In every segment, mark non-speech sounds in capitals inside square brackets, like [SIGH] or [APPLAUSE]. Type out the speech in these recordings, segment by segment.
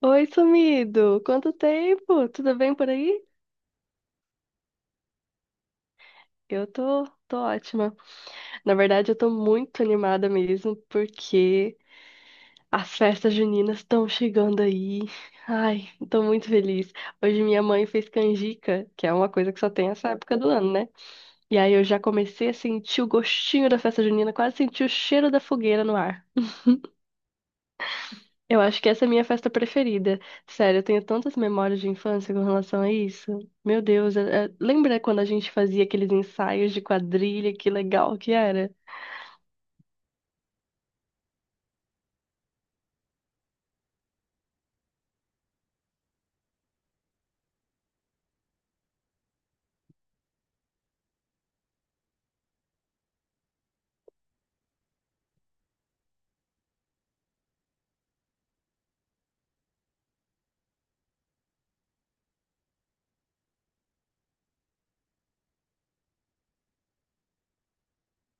Oi, sumido! Quanto tempo? Tudo bem por aí? Eu tô ótima. Na verdade, eu tô muito animada mesmo, porque as festas juninas estão chegando aí. Ai, tô muito feliz. Hoje minha mãe fez canjica, que é uma coisa que só tem essa época do ano, né? E aí eu já comecei a sentir o gostinho da festa junina, quase senti o cheiro da fogueira no ar. Eu acho que essa é a minha festa preferida. Sério, eu tenho tantas memórias de infância com relação a isso. Meu Deus, lembra quando a gente fazia aqueles ensaios de quadrilha? Que legal que era.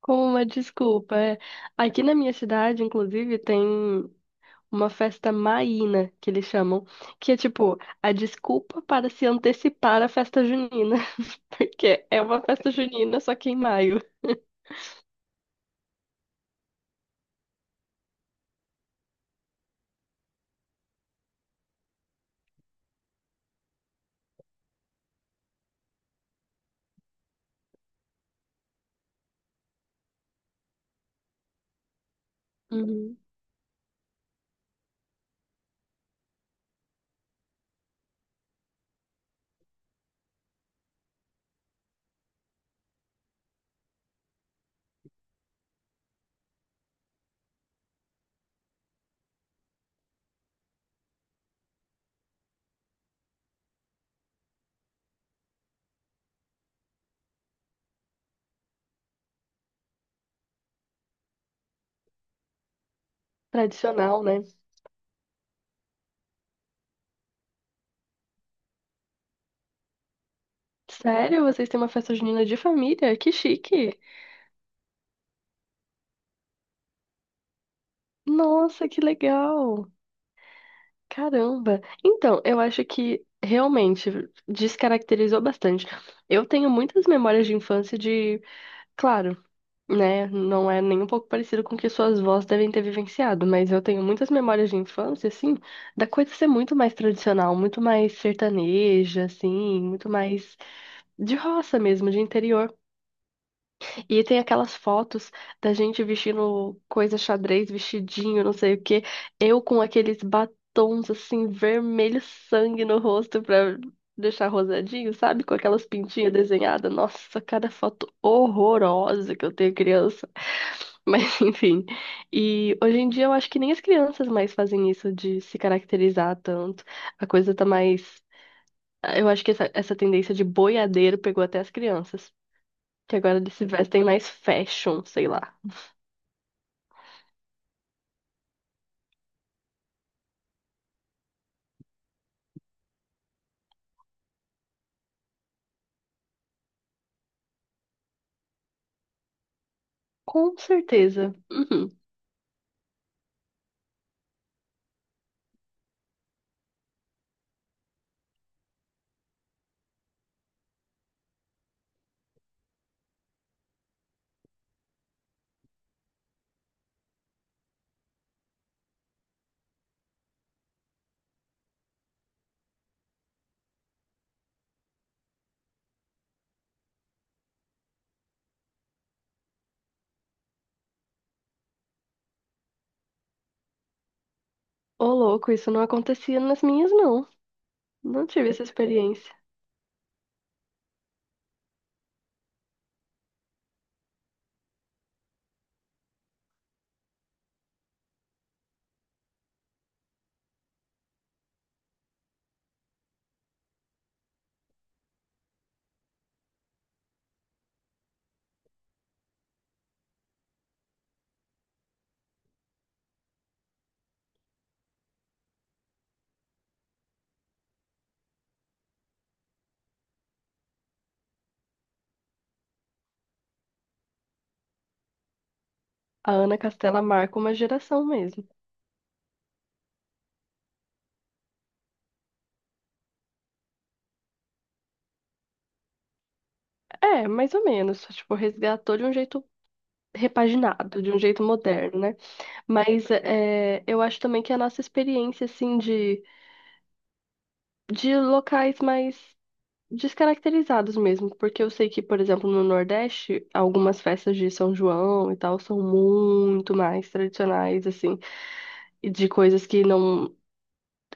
Como uma desculpa. É. Aqui na minha cidade, inclusive, tem uma festa maína, que eles chamam, que é tipo a desculpa para se antecipar à festa junina. [LAUGHS] Porque é uma festa junina, só que em maio. Uhum. Tradicional, né? Sério, vocês têm uma festa junina de família? Que chique! Nossa, que legal! Caramba! Então, eu acho que realmente descaracterizou bastante. Eu tenho muitas memórias de infância de, claro, né, não é nem um pouco parecido com o que suas vós devem ter vivenciado, mas eu tenho muitas memórias de infância, assim, da coisa ser muito mais tradicional, muito mais sertaneja, assim, muito mais de roça mesmo, de interior. E tem aquelas fotos da gente vestindo coisa xadrez, vestidinho, não sei o quê. Eu com aqueles batons assim, vermelho sangue no rosto pra deixar rosadinho, sabe? Com aquelas pintinhas desenhadas. Nossa, cada foto horrorosa que eu tenho criança. Mas [LAUGHS] enfim. E hoje em dia eu acho que nem as crianças mais fazem isso de se caracterizar tanto. A coisa tá mais. Eu acho que essa tendência de boiadeiro pegou até as crianças. Que agora eles se vestem mais fashion, sei lá. Com certeza. Uhum. Ô, louco, isso não acontecia nas minhas, não. Não tive essa experiência. A Ana Castela marca uma geração mesmo. É, mais ou menos. Tipo, resgatou de um jeito repaginado, de um jeito moderno, né? Mas é, eu acho também que a nossa experiência, assim, de locais mais descaracterizados mesmo, porque eu sei que, por exemplo, no Nordeste, algumas festas de São João e tal são muito mais tradicionais, assim, e de coisas que não.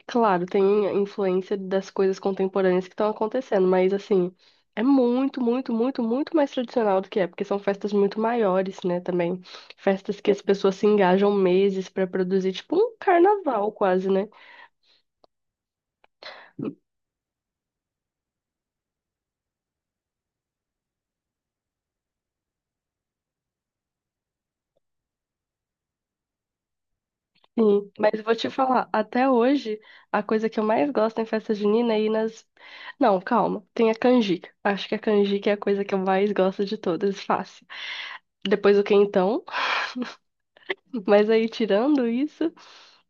Claro, tem influência das coisas contemporâneas que estão acontecendo, mas, assim, é muito, muito, muito, muito mais tradicional do que é, porque são festas muito maiores, né, também. Festas que as pessoas se engajam meses pra produzir, tipo um carnaval quase, né? Sim, mas vou te falar, até hoje, a coisa que eu mais gosto em festa junina é ir nas. Não, calma, tem a canjica. Acho que a canjica é a coisa que eu mais gosto de todas, fácil. Depois o quentão, [LAUGHS] mas aí tirando isso,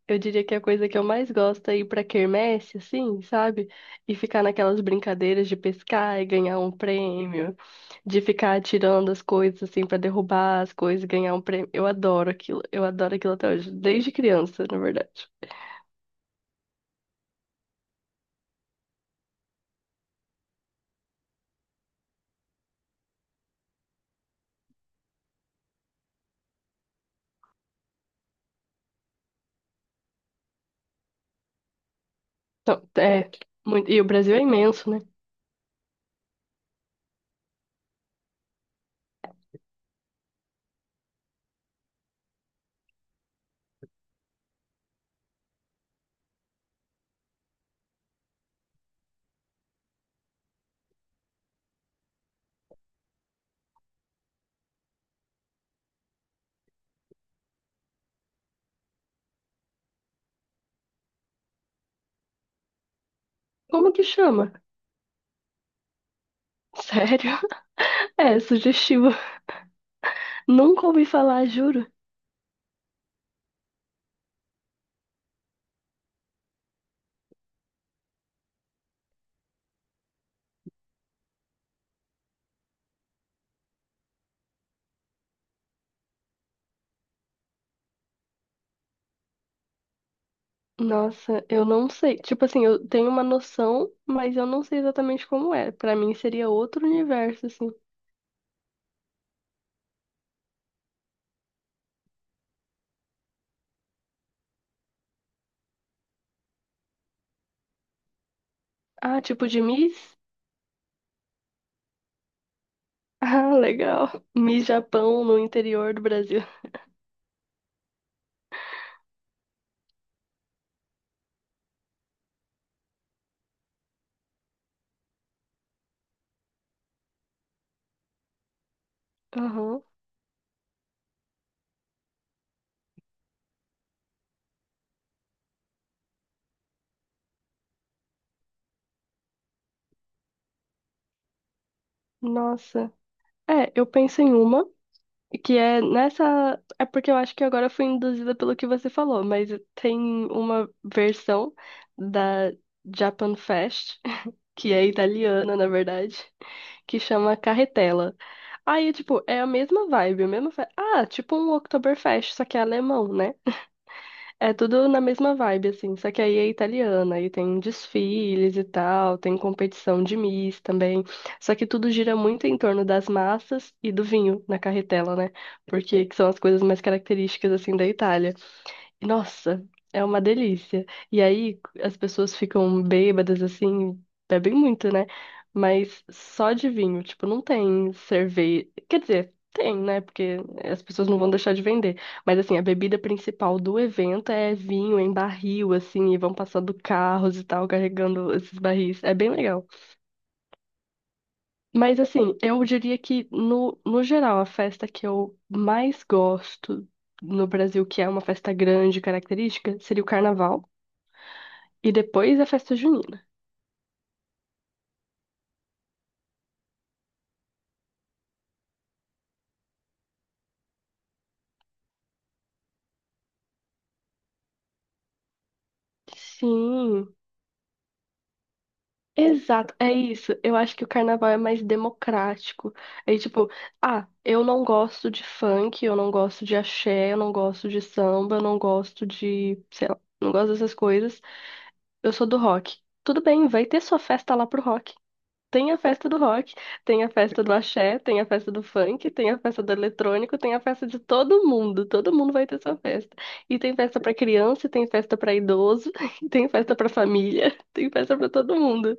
eu diria que a coisa que eu mais gosto é ir pra quermesse, assim, sabe? E ficar naquelas brincadeiras de pescar e ganhar um prêmio, de ficar atirando as coisas, assim, pra derrubar as coisas e ganhar um prêmio. Eu adoro aquilo até hoje, desde criança, na verdade. Então, é, muito, e o Brasil é imenso, né? Como que chama? Sério? [LAUGHS] É, sugestivo. Nunca ouvi falar, juro. Nossa, eu não sei. Tipo assim, eu tenho uma noção, mas eu não sei exatamente como é. Pra mim seria outro universo, assim. Ah, tipo de Miss? [LAUGHS] Ah, legal. Miss Japão no interior do Brasil. Aham. Nossa. É, eu penso em uma. Que é nessa. É porque eu acho que agora eu fui induzida pelo que você falou, mas tem uma versão da Japan Fest, [LAUGHS] que é italiana, na verdade, que chama Carretela. Aí, tipo, é a mesma vibe, a mesma. Ah, tipo um Oktoberfest, só que é alemão, né? É tudo na mesma vibe, assim, só que aí é italiana, aí tem desfiles e tal, tem competição de Miss também. Só que tudo gira muito em torno das massas e do vinho na carretela, né? Porque que são as coisas mais características, assim, da Itália. Nossa, é uma delícia. E aí as pessoas ficam bêbadas assim, bebem muito, né? Mas só de vinho, tipo, não tem cerveja. Quer dizer, tem, né? Porque as pessoas não vão deixar de vender. Mas assim, a bebida principal do evento é vinho em barril, assim, e vão passando carros e tal, carregando esses barris. É bem legal. Mas assim, eu diria que no geral, a festa que eu mais gosto no Brasil, que é uma festa grande, característica, seria o carnaval. E depois a festa junina. Sim, exato, é isso. Eu acho que o carnaval é mais democrático. Aí, tipo, ah, eu não gosto de funk, eu não gosto de axé, eu não gosto de samba, eu não gosto de, sei lá, não gosto dessas coisas. Eu sou do rock. Tudo bem, vai ter sua festa lá pro rock. Tem a festa do rock, tem a festa do axé, tem a festa do funk, tem a festa do eletrônico, tem a festa de todo mundo. Todo mundo vai ter sua festa. E tem festa pra criança, e tem festa pra idoso, [LAUGHS] e tem festa pra família, [LAUGHS] tem festa pra todo mundo.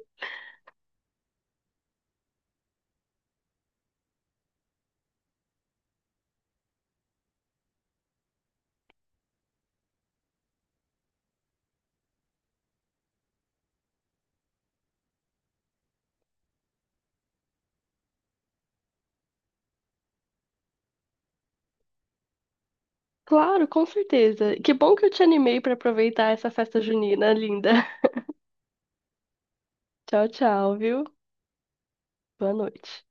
Claro, com certeza. Que bom que eu te animei pra aproveitar essa festa junina linda. [LAUGHS] Tchau, tchau, viu? Boa noite.